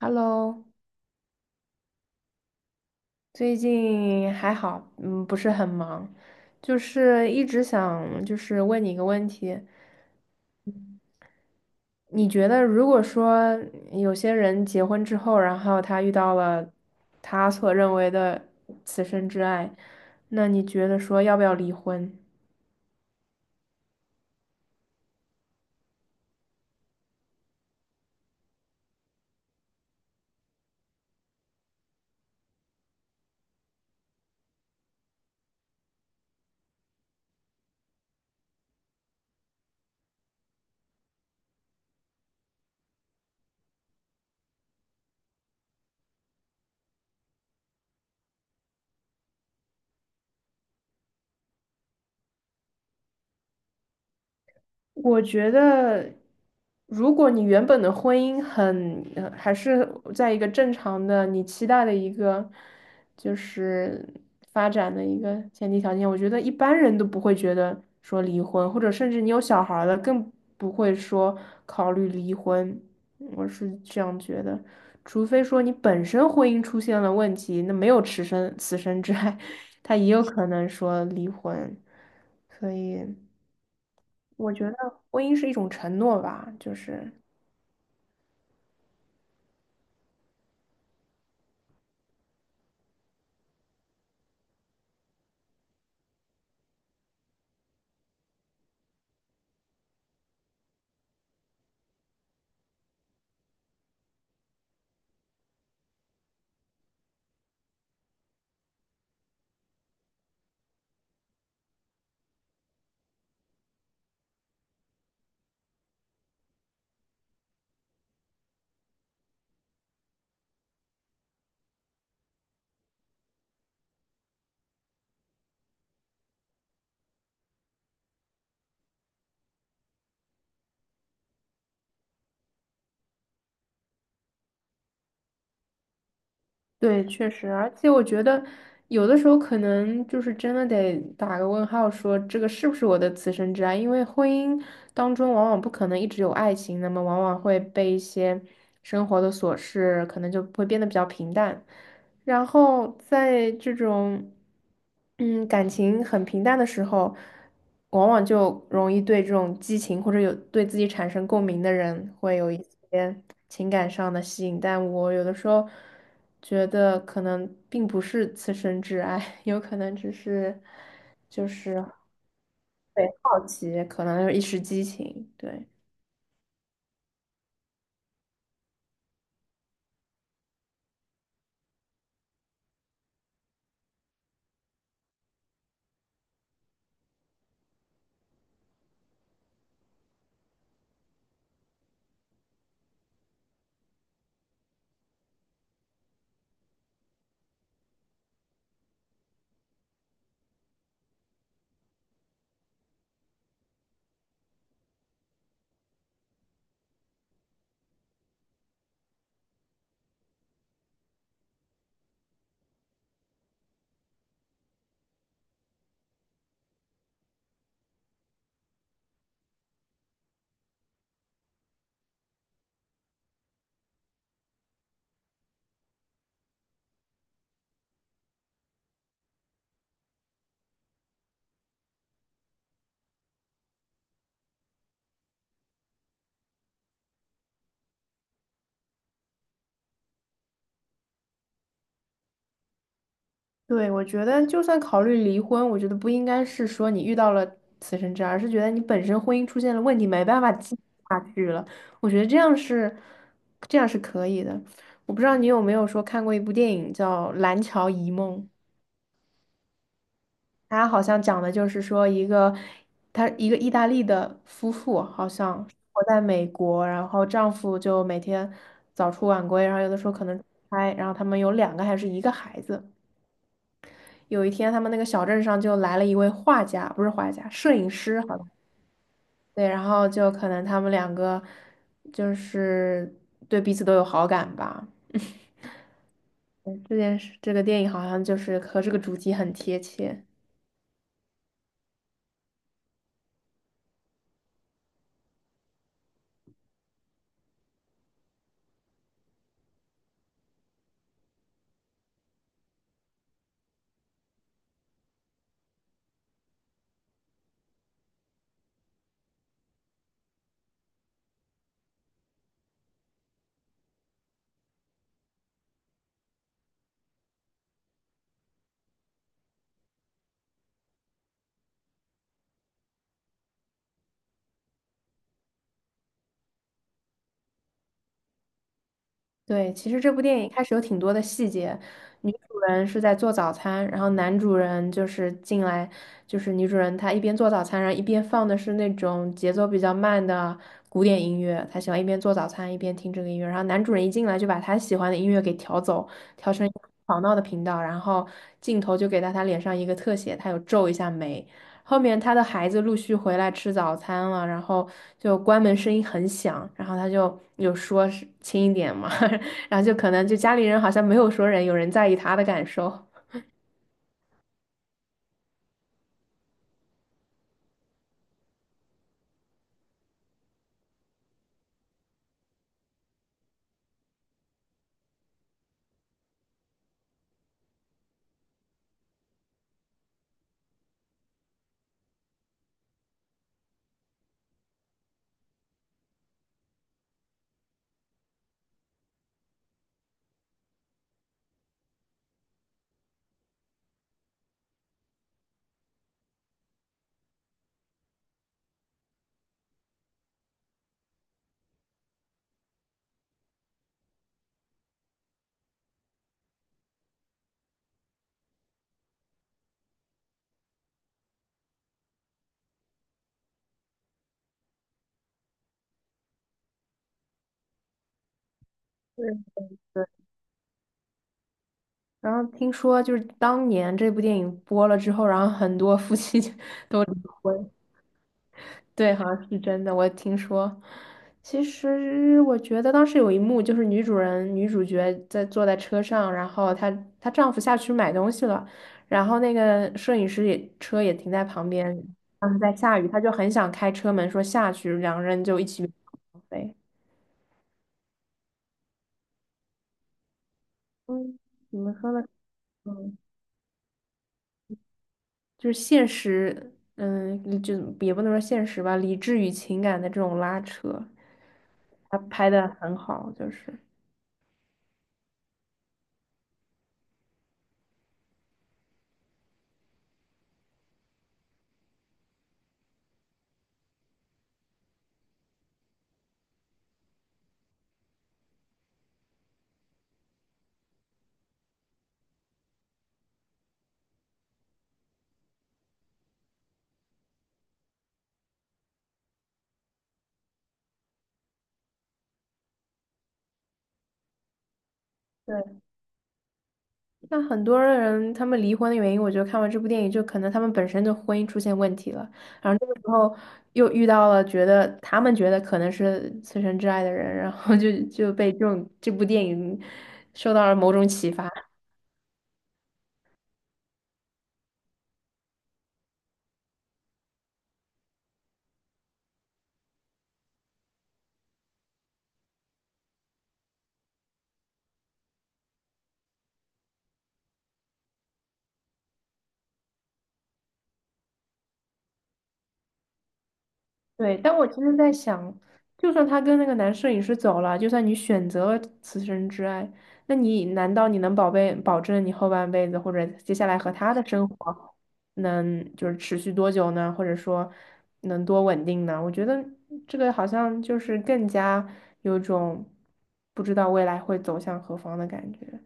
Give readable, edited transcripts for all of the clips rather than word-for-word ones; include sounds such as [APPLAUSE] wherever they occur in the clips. Hello，最近还好，不是很忙，就是一直想问你一个问题。你觉得如果说有些人结婚之后，然后他遇到了他所认为的此生之爱，那你觉得说要不要离婚？我觉得，如果你原本的婚姻很，还是在一个正常的你期待的一个就是发展的一个前提条件，我觉得一般人都不会觉得说离婚，或者甚至你有小孩儿了，更不会说考虑离婚。嗯我是这样觉得，除非说你本身婚姻出现了问题，那没有此生之爱，[LAUGHS] 他也有可能说离婚，所以。我觉得婚姻是一种承诺吧，就是对，确实，而且我觉得有的时候可能就是真的得打个问号，说这个是不是我的此生之爱？因为婚姻当中往往不可能一直有爱情，那么往往会被一些生活的琐事，可能就会变得比较平淡。然后在这种感情很平淡的时候，往往就容易对这种激情或者有对自己产生共鸣的人会有一些情感上的吸引，但我有的时候觉得可能并不是此生挚爱，[LAUGHS] 有可能只是就是对好奇，可能一时激情，对。对，我觉得就算考虑离婚，我觉得不应该是说你遇到了此生之爱，而是觉得你本身婚姻出现了问题，没办法继续下去了。我觉得这样是，这样是可以的。我不知道你有没有说看过一部电影叫《蓝桥遗梦》，它好像讲的就是说一个，他一个意大利的夫妇，好像活在美国，然后丈夫就每天早出晚归，然后有的时候可能出差，然后他们有两个还是一个孩子。有一天，他们那个小镇上就来了一位画家，不是画家，摄影师，好像。对，然后就可能他们两个就是对彼此都有好感吧。嗯这件事，这个电影好像就是和这个主题很贴切。对，其实这部电影开始有挺多的细节，女主人是在做早餐，然后男主人就是进来，就是女主人她一边做早餐，然后一边放的是那种节奏比较慢的古典音乐，她喜欢一边做早餐一边听这个音乐，然后男主人一进来就把他喜欢的音乐给调走，调成一个吵闹的频道，然后镜头就给到他脸上一个特写，他有皱一下眉。后面他的孩子陆续回来吃早餐了，然后就关门声音很响，然后他就有说是轻一点嘛，[LAUGHS] 然后就可能就家里人好像没有说人在意他的感受。对，然后听说就是当年这部电影播了之后，然后很多夫妻就婚，[LAUGHS] 我对，好像是真的，我听说。其实我觉得当时有一幕就是女主角在坐在车上，然后她丈夫下去买东西了，然后那个摄影师也车也停在旁边，当时在下雨，她就很想开车门说下去，两个人就一起飞。嗯，怎么说呢？嗯就是现实，也不能说现实吧，理智与情感的这种拉扯，他拍的很好，就是。对，那很多人他们离婚的原因，我觉得看完这部电影，就可能他们本身就婚姻出现问题了，然后这个时候又遇到了觉得可能是此生挚爱的人，然后就被这种这部电影受到了某种启发。对，但我其实在想，就算他跟那个男摄影师走了，就算你选择了此生之爱，那你难道能保证你后半辈子或者接下来和他的生活能就是持续多久呢？或者说能多稳定呢？我觉得这个好像就是更加有种不知道未来会走向何方的感觉。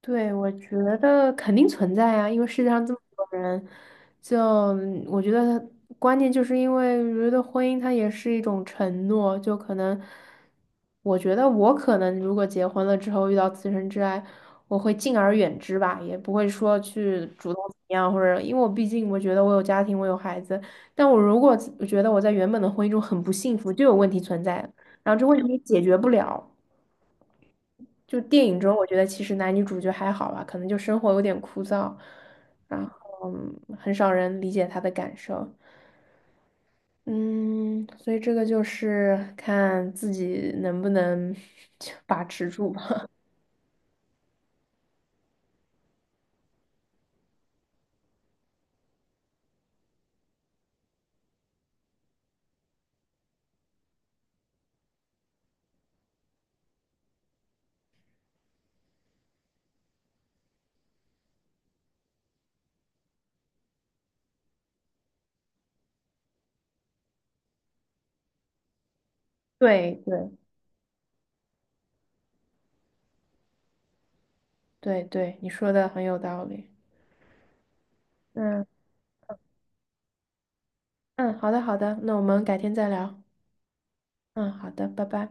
对，我觉得肯定存在啊，因为世界上这么多人，就我觉得关键就是因为我觉得婚姻它也是一种承诺，可能我觉得我可能如果结婚了之后遇到此生挚爱，我会敬而远之吧，也不会说去主动怎么样，或者因为我毕竟我觉得我有家庭，我有孩子，但我如果我觉得我在原本的婚姻中很不幸福，就有问题存在，然后这问题也解决不了。就电影中，我觉得其实男女主角还好吧，可能就生活有点枯燥，然后很少人理解他的感受。嗯，所以这个就是看自己能不能 [LAUGHS] 把持住吧。[LAUGHS] 对对对对，你说的很有道理。嗯嗯，好的好的，那我们改天再聊。嗯，好的，拜拜。